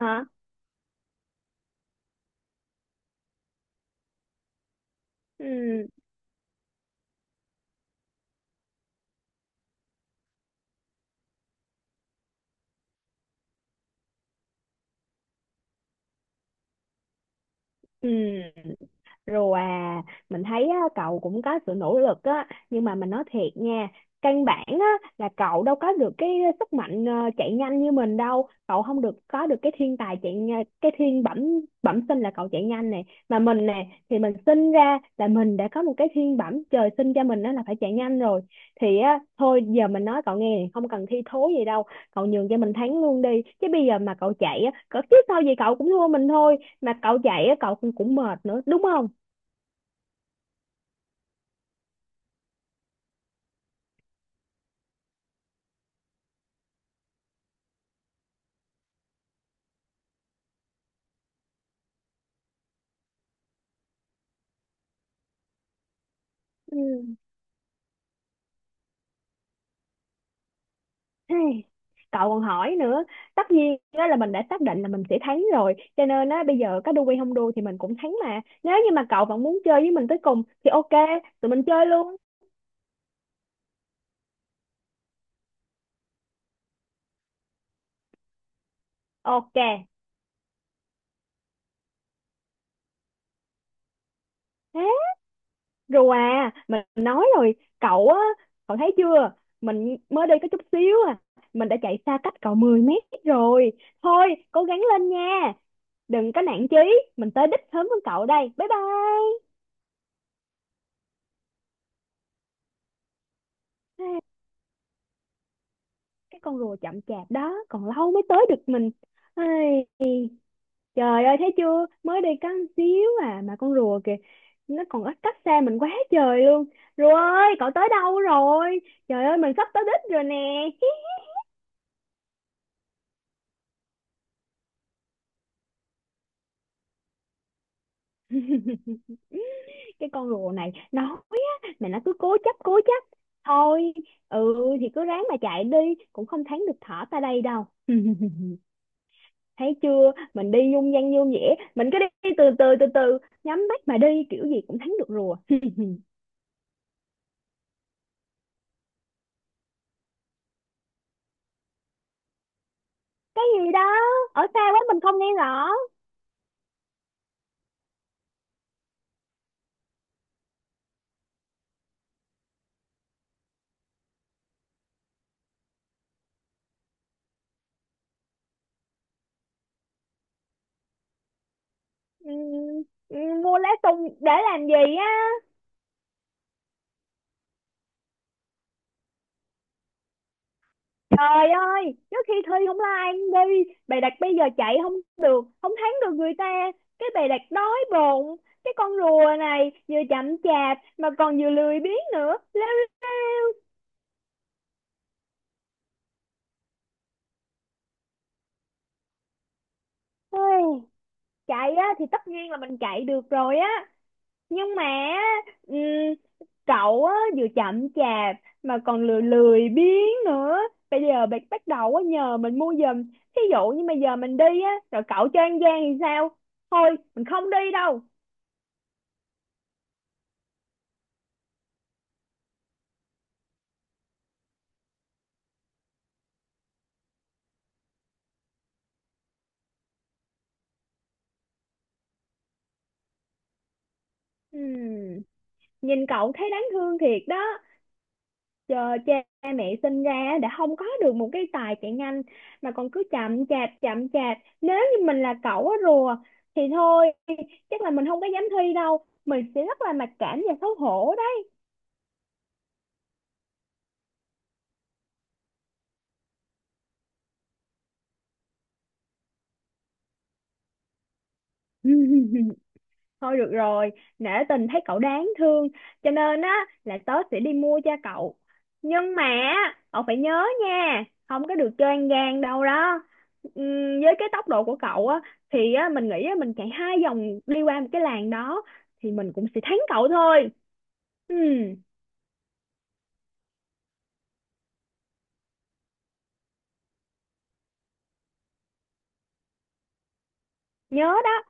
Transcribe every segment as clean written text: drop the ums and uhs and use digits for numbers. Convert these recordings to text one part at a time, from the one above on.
Hả? Ừ, ừ. Rồi à, mình thấy á, cậu cũng có sự nỗ lực á nhưng mà mình nói thiệt nha, căn bản á là cậu đâu có được cái sức mạnh, chạy nhanh như mình đâu. Cậu không được có được cái thiên tài cái thiên bẩm bẩm sinh là cậu chạy nhanh này. Mà mình nè thì mình sinh ra là mình đã có một cái thiên bẩm trời sinh cho mình, đó là phải chạy nhanh rồi. Thì á thôi, giờ mình nói cậu nghe không cần thi thố gì đâu, cậu nhường cho mình thắng luôn đi. Chứ bây giờ mà cậu chạy á, cậu chứ sao gì cậu cũng thua mình thôi, mà cậu chạy á cậu cũng cũng mệt nữa, đúng không? Ừ. Hey, cậu còn hỏi nữa, tất nhiên đó là mình đã xác định là mình sẽ thắng rồi, cho nên á bây giờ có đu hay không đu thì mình cũng thắng. Mà nếu như mà cậu vẫn muốn chơi với mình tới cùng thì ok, tụi mình chơi luôn. Ok. Thế. Rồi à, mình nói rồi. Cậu á, cậu thấy chưa, mình mới đi có chút xíu à, mình đã chạy xa cách cậu 10 m rồi. Thôi cố gắng lên nha, đừng có nản chí, mình tới đích sớm hơn cậu đây. Bye bye. Cái con rùa chậm chạp đó còn lâu mới tới được mình. Ai, trời ơi thấy chưa, mới đi có một xíu à mà con rùa kìa, nó còn ít cách xa mình quá trời luôn. Rùa ơi, cậu tới đâu rồi? Trời ơi mình sắp tới đích rồi nè. Cái con rùa này nó, mà nó cứ cố chấp cố chấp. Thôi, ừ thì cứ ráng mà chạy đi, cũng không thắng được thỏ ta đây đâu. Thấy chưa, mình đi dung dăng dung dẻ, mình cứ đi từ từ từ từ, nhắm mắt mà đi kiểu gì cũng thắng được rùa. Cái gì đó? Ở xa quá mình không nghe rõ. Ừ, ừ, mua lá sung để làm gì á? Trời ơi trước khi thi không like đi bày đặt, bây giờ chạy không được, không thắng được người ta cái bày đặt đói bụng. Cái con rùa này vừa chậm chạp mà còn vừa lười biếng nữa. Ôi, chạy á thì tất nhiên là mình chạy được rồi á, nhưng mà ừm, cậu á, vừa chậm chạp mà còn lười lười biếng nữa, bây giờ bạn bắt đầu á, nhờ mình mua giùm. Thí dụ như mà giờ mình đi á rồi cậu cho ăn gian thì sao? Thôi mình không đi đâu. Ừm, Nhìn cậu thấy đáng thương thiệt đó. Giờ cha mẹ sinh ra á, đã không có được một cái tài chạy nhanh mà còn cứ chậm chạp chậm chạp. Nếu như mình là cậu á rùa, thì thôi, chắc là mình không có dám thi đâu, mình sẽ rất là mặc cảm và xấu hổ đó. Thôi được rồi, nể tình thấy cậu đáng thương, cho nên á là tớ sẽ đi mua cho cậu. Nhưng mà cậu phải nhớ nha, không có được chơi ăn gian đâu đó. Với cái tốc độ của cậu á thì á mình nghĩ á mình chạy 2 vòng đi qua một cái làng đó thì mình cũng sẽ thắng cậu thôi. Ừm. Nhớ đó,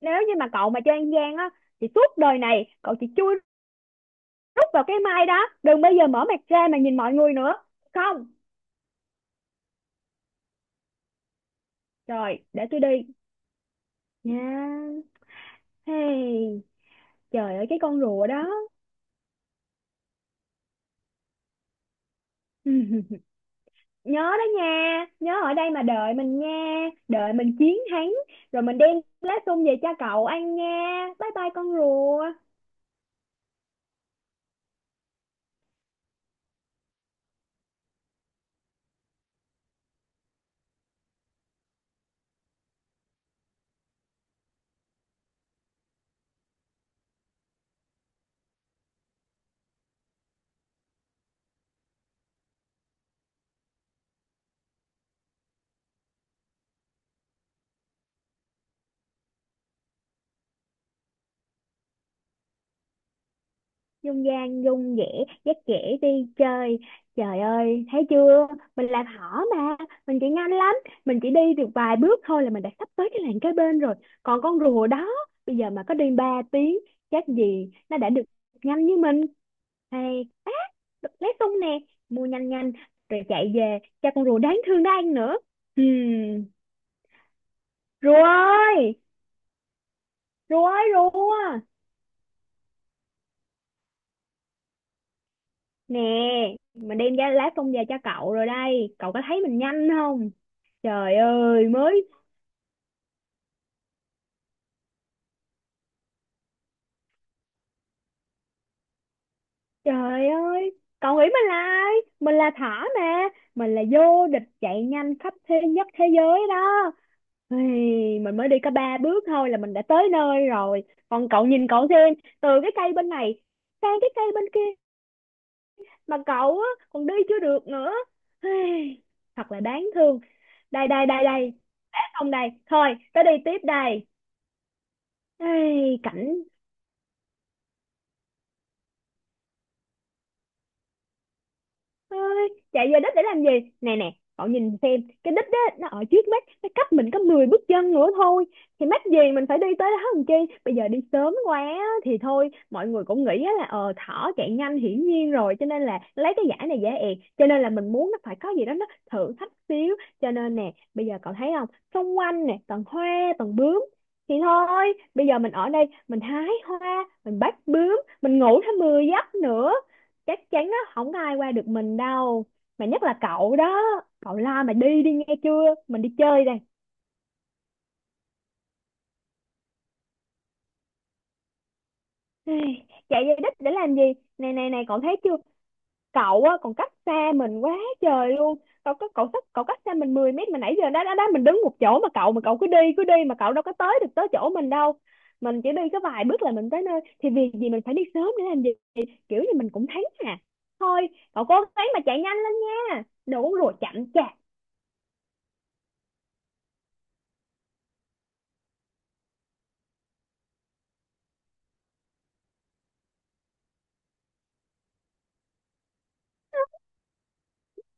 nếu như mà cậu mà chơi ăn gian á thì suốt đời này cậu chỉ chui rút vào cái mai đó, đừng bao giờ mở mặt ra mà nhìn mọi người nữa. Không, rồi để tôi đi. Nha. Hey, trời ơi cái con rùa đó. Nhớ đó nha, nhớ ở đây mà đợi mình nha, đợi mình chiến thắng, rồi mình đem lá sung về cho cậu ăn nha. Bye bye con rùa. Dung gian dung dẻ dắt dẻ đi chơi. Trời ơi thấy chưa, mình làm hỏ mà, mình chỉ nhanh lắm, mình chỉ đi được vài bước thôi là mình đã sắp tới cái làng kế bên rồi. Còn con rùa đó, bây giờ mà có đi 3 tiếng chắc gì nó đã được nhanh như mình. Hay á, được lấy tung nè, mua nhanh nhanh rồi chạy về cho con rùa đáng thương đó ăn nữa. Hmm. Rùa ơi, rùa ơi rùa, nè, mình đem ra lá tung về cho cậu rồi đây, cậu có thấy mình nhanh không? Trời ơi mới, trời ơi cậu nghĩ mình là ai? Mình là Thỏ mà, mình là vô địch chạy nhanh khắp thế nhất thế giới đó. Ui, mình mới đi có 3 bước thôi là mình đã tới nơi rồi. Còn cậu nhìn cậu xem, từ cái cây bên này sang cái cây bên kia mà cậu á, còn đi chưa được nữa. Ui, thật là đáng thương. Đây đây đây đây, để không đây thôi tới đi tiếp đây. Ê, cảnh. Ôi, chạy về đích để làm gì, nè nè cậu nhìn xem cái đích đó, nó ở trước mắt, nó cách mình có 10 bước chân nữa thôi, thì mắc gì mình phải đi tới đó làm chi. Bây giờ đi sớm quá á, thì thôi mọi người cũng nghĩ á là, ờ thỏ chạy nhanh hiển nhiên rồi, cho nên là lấy cái giải này dễ ẹt, cho nên là mình muốn nó phải có gì đó nó thử thách xíu. Cho nên nè bây giờ cậu thấy không, xung quanh nè toàn hoa toàn bướm, thì thôi bây giờ mình ở đây mình hái hoa mình bắt bướm mình ngủ thêm 10 giấc nữa. Chắc chắn á không có ai qua được mình đâu, mà nhất là cậu đó. Cậu la mà đi đi nghe chưa, mình đi chơi đây. Chạy về đích để làm gì? Này này này cậu thấy chưa, cậu á còn cách xa mình quá trời luôn. Cậu cách xa mình 10 m mà nãy giờ đó đó đó mình đứng một chỗ mà cậu cứ đi mà cậu đâu có tới được tới chỗ mình đâu. Mình chỉ đi có vài bước là mình tới nơi thì việc gì mình phải đi sớm để làm gì. Kiểu như mình cũng thấy à, thôi cậu cố gắng mà chạy nhanh lên nha, đừng có rùa chậm chạp.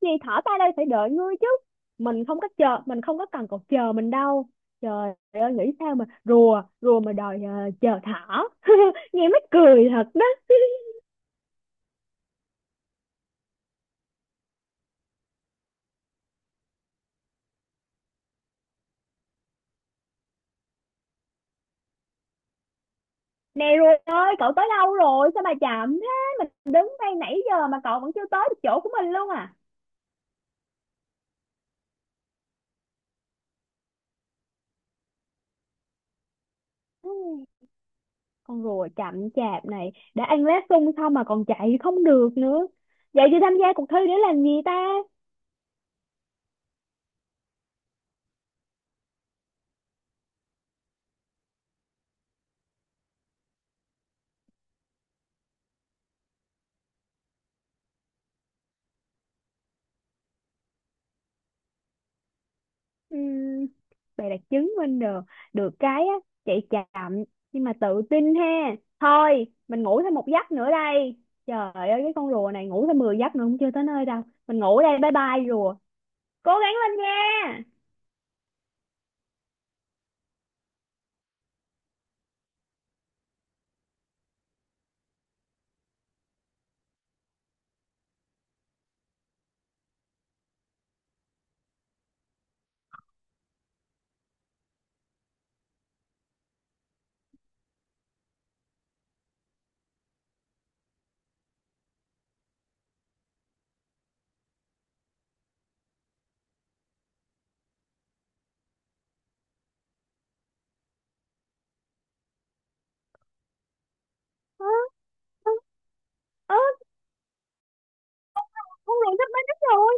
Gì, thỏ ta đây phải đợi ngươi chứ? Mình không có chờ, mình không có cần cậu chờ mình đâu. Trời ơi nghĩ sao mà rùa rùa mà đòi chờ thỏ. Nghe mắc cười thật đó. Nè rùa ơi, cậu tới đâu rồi sao mà chậm thế? Mình đứng đây nãy giờ mà cậu vẫn chưa tới được chỗ của mình luôn à? Ừ, con rùa chậm chạp này đã ăn lá sung xong mà còn chạy không được nữa, vậy thì tham gia cuộc thi để làm gì ta? Ừm, Bà đã chứng minh được được cái á, chạy chậm nhưng mà tự tin ha. Thôi mình ngủ thêm một giấc nữa đây. Trời ơi cái con rùa này ngủ thêm 10 giấc nữa cũng chưa tới nơi đâu. Mình ngủ đây, bye bye rùa. Cố gắng lên nha. Ừ. Ừ, con rùa sắp đến đích rồi.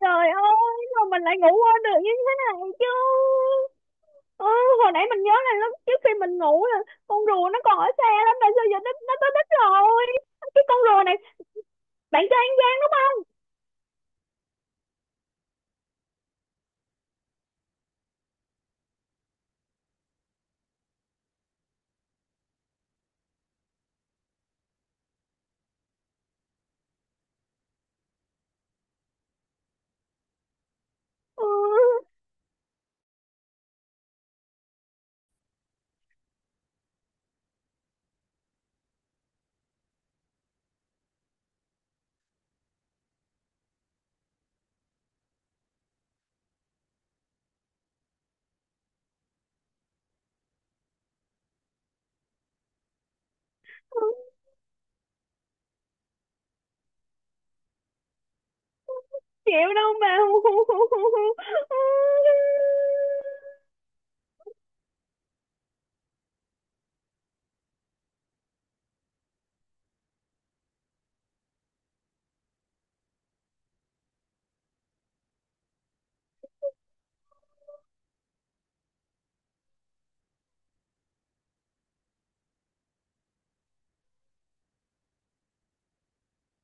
Trời ơi mà mình lại ngủ quên được như thế này chứ. Ừ, hồi nãy mình nhớ là lúc trước khi mình ngủ là con rùa nó còn ở xe lắm, tại sao giờ nó tới đích rồi? Cái con rùa này. Bạn cho ăn. Ừ. Chịu đâu mà.